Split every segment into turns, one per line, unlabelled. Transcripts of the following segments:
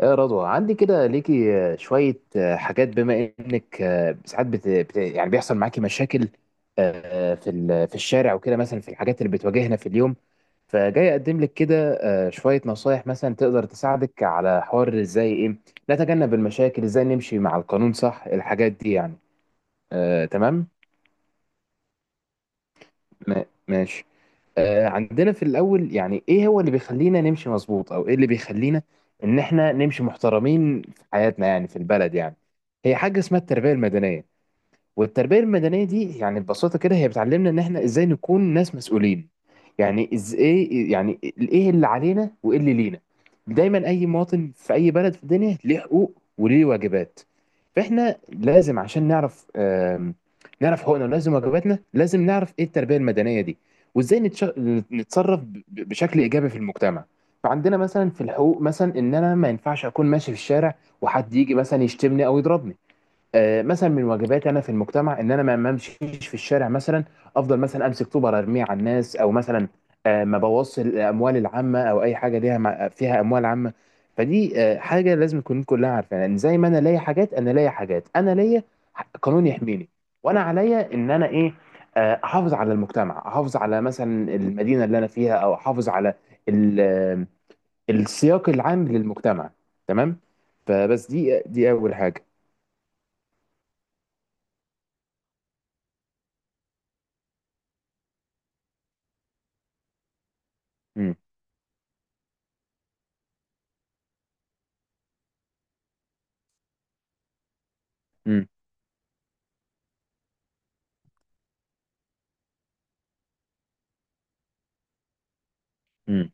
يا رضوى، عندي كده ليكي شوية حاجات، بما إنك ساعات يعني بيحصل معاكي مشاكل في في الشارع وكده، مثلا في الحاجات اللي بتواجهنا في اليوم. فجاي أقدم لك كده شوية نصايح مثلا تقدر تساعدك على حوار، إزاي إيه نتجنب المشاكل، إزاي نمشي مع القانون صح، الحاجات دي يعني. تمام. ماشي. عندنا في الأول، يعني إيه هو اللي بيخلينا نمشي مظبوط، أو إيه اللي بيخلينا إن إحنا نمشي محترمين في حياتنا يعني، في البلد يعني. هي حاجة اسمها التربية المدنية، والتربية المدنية دي يعني ببساطة كده هي بتعلمنا ان احنا ازاي نكون ناس مسؤولين، يعني ازاي، يعني ايه اللي علينا وايه اللي لينا. دايما اي مواطن في اي بلد في الدنيا ليه حقوق وليه واجبات. فاحنا لازم عشان نعرف نعرف حقوقنا، ولازم واجباتنا لازم نعرف، ايه التربية المدنية دي وازاي نتصرف بشكل ايجابي في المجتمع. فعندنا مثلا في الحقوق، مثلا ان انا ما ينفعش اكون ماشي في الشارع وحد يجي مثلا يشتمني او يضربني. مثلا من واجباتي انا في المجتمع ان انا ما امشيش في الشارع مثلا، افضل مثلا امسك طوبه ارميه على الناس، او مثلا ما بوظش الاموال العامه، او اي حاجه ليها فيها اموال عامه. فدي حاجه لازم نكون كلها عارفينها، يعني زي ما انا ليا حاجات، انا ليا حاجات، انا ليا قانون يحميني، وانا عليا ان انا ايه، احافظ على المجتمع، احافظ على مثلا المدينه اللي انا فيها، او احافظ على ال- آه، السياق العام للمجتمع. تمام. فبس دي اول حاجه. امم. امم. إمم.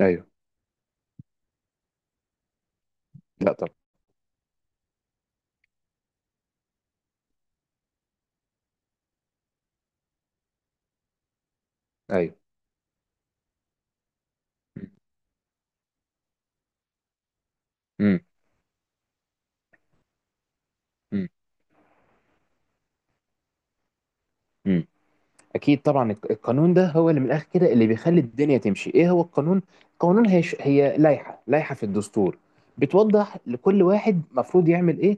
ايوه. لا، طب. ايوه. امم. امم. اكيد طبعا القانون ده هو اللي من الاخر كده اللي بيخلي الدنيا تمشي. ايه هو القانون؟ القانون هي هي لائحه في الدستور بتوضح لكل واحد مفروض يعمل ايه،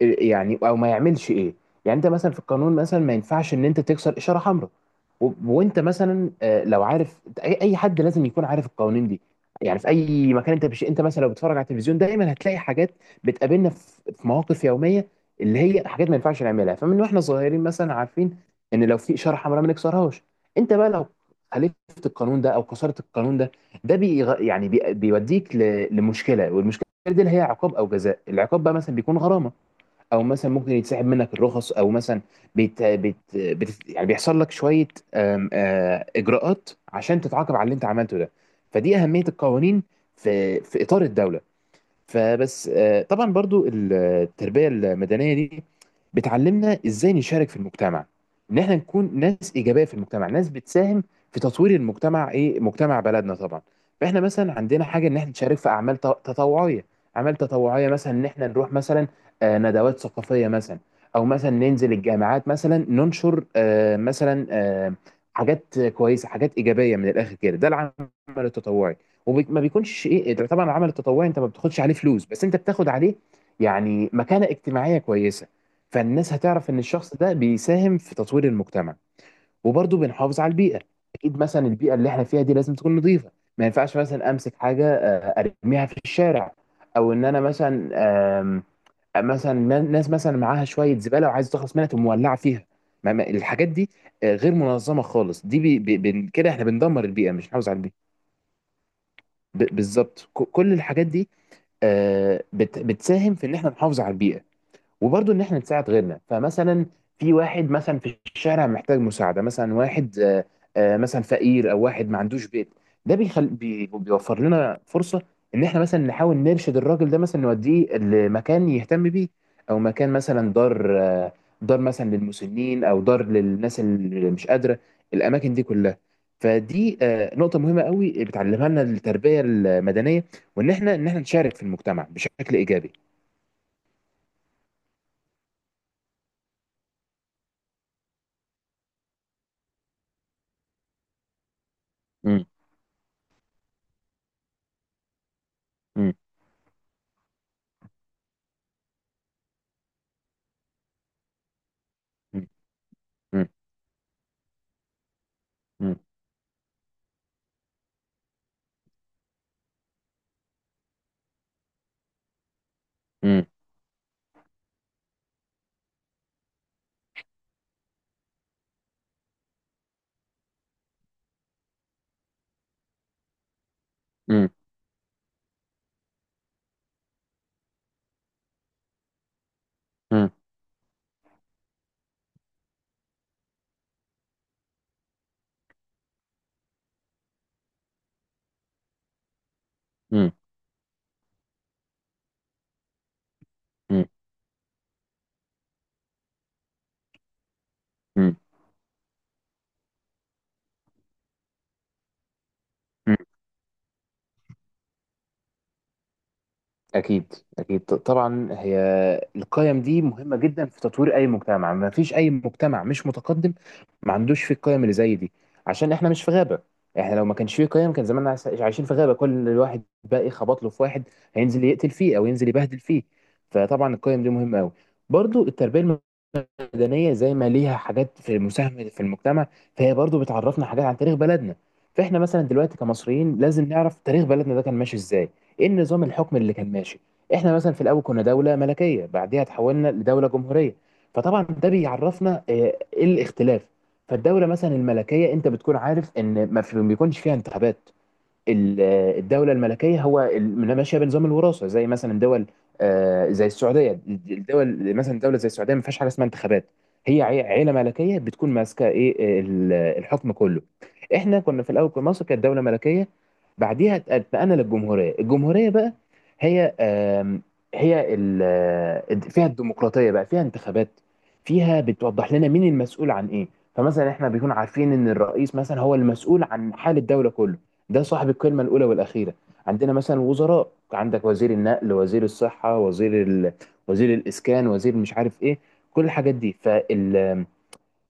إيه يعني، او ما يعملش ايه. يعني انت مثلا في القانون، مثلا ما ينفعش ان انت تكسر اشاره حمراء، وانت مثلا لو عارف، اي أي حد لازم يكون عارف القوانين دي. يعني في اي مكان انت انت مثلا لو بتتفرج على التلفزيون دايما هتلاقي حاجات بتقابلنا في مواقف يوميه، اللي هي حاجات ما ينفعش نعملها. فمن واحنا صغيرين مثلا عارفين ان لو في اشاره حمراء ما نكسرهاش. انت بقى لو خالفت القانون ده او كسرت القانون ده، ده بيوديك لمشكله، والمشكله دي اللي هي عقاب او جزاء. العقاب بقى مثلا بيكون غرامه، او مثلا ممكن يتسحب منك الرخص، او مثلا يعني بيحصل لك شويه اجراءات عشان تتعاقب على اللي انت عملته ده. فدي اهميه القوانين في اطار الدوله. فبس طبعا برضو التربية المدنية دي بتعلمنا ازاي نشارك في المجتمع، ان احنا نكون ناس ايجابية في المجتمع، ناس بتساهم في تطوير المجتمع، ايه، مجتمع بلدنا طبعا. فاحنا مثلا عندنا حاجة ان احنا نشارك في اعمال تطوعية. اعمال تطوعية مثلا ان احنا نروح مثلا ندوات ثقافية مثلا، او مثلا ننزل الجامعات مثلا، ننشر مثلا حاجات كويسة، حاجات ايجابية، من الاخر كده ده العمل التطوعي. وما بيكونش ايه، إيه، ده طبعا العمل التطوعي انت ما بتاخدش عليه فلوس، بس انت بتاخد عليه يعني مكانة اجتماعية كويسة، فالناس هتعرف ان الشخص ده بيساهم في تطوير المجتمع. وبرضه بنحافظ على البيئة. اكيد مثلا البيئة اللي احنا فيها دي لازم تكون نظيفة، ما ينفعش مثلا امسك حاجة ارميها في الشارع، او ان انا مثلا آم، مثلا ناس مثلا معاها شوية زبالة وعايز تخلص منها تقوم مولعة فيها. الحاجات دي غير منظمة خالص، دي كده احنا بندمر البيئة مش نحافظ على البيئة. بالظبط، كل الحاجات دي بتساهم في ان احنا نحافظ على البيئة. وبرضه ان احنا نساعد غيرنا، فمثلا في واحد مثلا في الشارع محتاج مساعده، مثلا واحد مثلا فقير، او واحد ما عندوش بيت. ده بيوفر لنا فرصه ان احنا مثلا نحاول نرشد الراجل ده، مثلا نوديه لمكان يهتم بيه، او مكان مثلا دار دار مثلا للمسنين، او دار للناس اللي مش قادره، الاماكن دي كلها. فدي نقطة مهمة قوي بتعلمها لنا التربية المدنية، وإن إحنا إن إحنا نشارك في المجتمع بشكل إيجابي. مم. مم. مم. مم. مم. مم. مم. مم. مم. مم. مم. أكيد أكيد، طبعا هي القيم دي مهمة جدا في تطوير أي مجتمع. ما فيش أي مجتمع مش متقدم ما عندوش فيه القيم اللي زي دي. عشان إحنا مش في غابة، إحنا لو ما كانش فيه قيم كان زماننا عايشين في غابة، كل واحد باقي خبط له في واحد هينزل يقتل فيه أو ينزل يبهدل فيه. فطبعا القيم دي مهمة أوي. برضو التربية المدنيه زي ما ليها حاجات في مساهمه في المجتمع، فهي برضو بتعرفنا حاجات عن تاريخ بلدنا. فاحنا مثلا دلوقتي كمصريين لازم نعرف تاريخ بلدنا ده كان ماشي ازاي، ايه النظام الحكم اللي كان ماشي. احنا مثلا في الاول كنا دوله ملكيه، بعديها اتحولنا لدوله جمهوريه. فطبعا ده بيعرفنا ايه الاختلاف. فالدوله مثلا الملكيه انت بتكون عارف ان ما بيكونش فيها انتخابات. ال- الدولة الملكية هو ماشية بنظام الوراثة، زي مثلا دول زي السعودية. الدول مثلا، دولة زي السعودية ما فيهاش حاجة اسمها انتخابات، هي عيلة ملكية بتكون ماسكة ايه، الحكم كله. احنا كنا في الأول في مصر كانت دولة ملكية، بعديها اتنقلنا للجمهورية. الجمهورية بقى هي هي فيها الديمقراطية بقى، فيها انتخابات، فيها بتوضح لنا مين المسؤول عن ايه. فمثلا احنا بيكون عارفين ان الرئيس مثلا هو المسؤول عن حال الدولة كله، ده صاحب الكلمة الأولى والأخيرة. عندنا مثلا وزراء، عندك وزير النقل، وزير الصحة، وزير وزير الإسكان، وزير مش عارف إيه، كل الحاجات دي. فالحاجات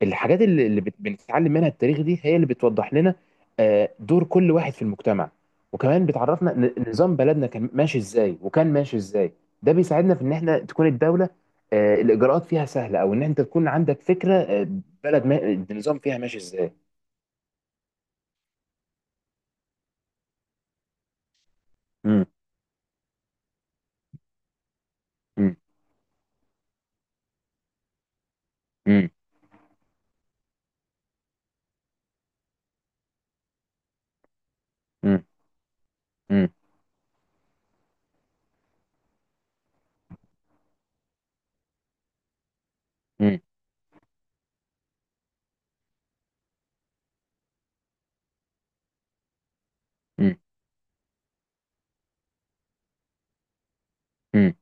اللي بنتعلم منها التاريخ دي هي اللي بتوضح لنا دور كل واحد في المجتمع. وكمان بتعرفنا نظام بلدنا كان ماشي إزاي وكان ماشي إزاي. ده بيساعدنا في إن إحنا تكون الدولة الإجراءات فيها سهلة، أو إن أنت تكون عندك فكرة بلد ما... النظام فيها ماشي إزاي. مم. مم. مم. مم. مم. مم. مم.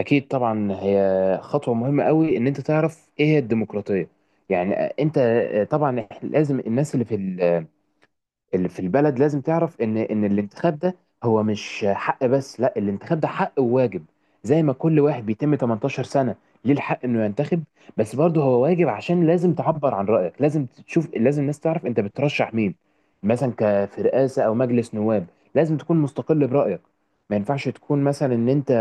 اكيد طبعا هي خطوه مهمه قوي ان انت تعرف ايه هي الديمقراطيه. يعني انت طبعا لازم الناس اللي في اللي في البلد لازم تعرف ان الانتخاب ده هو مش حق بس، لا الانتخاب ده حق وواجب. زي ما كل واحد بيتم 18 سنه ليه الحق انه ينتخب، بس برضه هو واجب. عشان لازم تعبر عن رايك، لازم تشوف، لازم الناس تعرف انت بترشح مين مثلا، في رئاسه او مجلس نواب. لازم تكون مستقل برايك، ما ينفعش تكون مثلا ان انت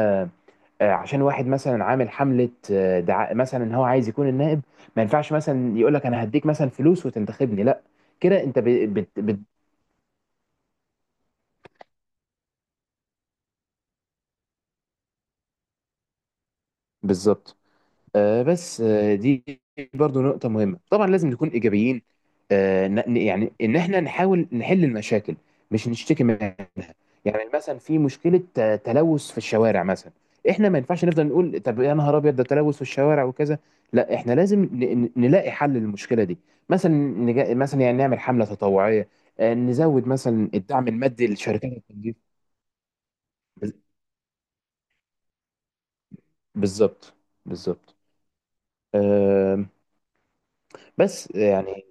عشان واحد مثلا عامل حمله دعاء مثلا ان هو عايز يكون النائب، ما ينفعش مثلا يقول لك انا هديك مثلا فلوس وتنتخبني، لا. كده انت بالظبط. بس دي برضو نقطة مهمة. طبعا لازم نكون إيجابيين يعني إن إحنا نحاول نحل المشاكل مش نشتكي منها. يعني مثلا في مشكلة تلوث في الشوارع مثلا، إحنا ما ينفعش نفضل نقول طب يا نهار أبيض ده تلوث في الشوارع وكذا، لا إحنا لازم نلاقي حل للمشكلة دي. مثلا مثلا يعني نعمل حملة تطوعية نزود مثلا الدعم المادي لشركات التنظيف. بز- بالظبط، بالظبط، آه، بس يعني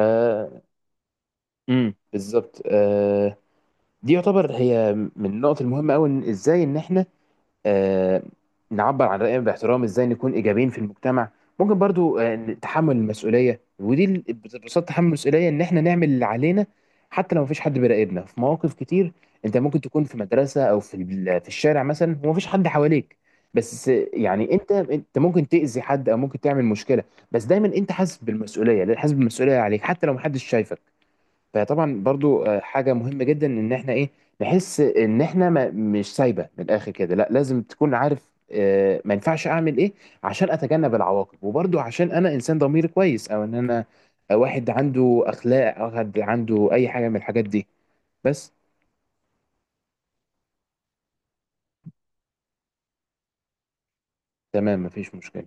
آه، امم، بالظبط دي يعتبر هي من النقط المهمه قوي، ان ازاي ان احنا آه، نعبر عن راينا باحترام، ازاي نكون ايجابيين في المجتمع. ممكن برضو تحمل المسؤوليه، ودي ببساطه تحمل المسؤوليه ان احنا نعمل اللي علينا حتى لو مفيش حد بيراقبنا. في مواقف كتير انت ممكن تكون في مدرسه او في في الشارع مثلا ومفيش حد حواليك، بس يعني انت ممكن تاذي حد او ممكن تعمل مشكله، بس دايما انت حاسس بالمسؤوليه، حاسس بالمسؤوليه عليك حتى لو محدش شايفك. فطبعا برضو حاجة مهمة جدا ان احنا ايه، نحس ان احنا ما مش سايبة من الاخر كده. لا لازم تكون عارف ما ينفعش اعمل ايه عشان اتجنب العواقب، وبرضو عشان انا انسان ضميري كويس، او ان انا واحد عنده اخلاق، او واحد عنده اي حاجة من الحاجات دي. بس. تمام مفيش مشكلة.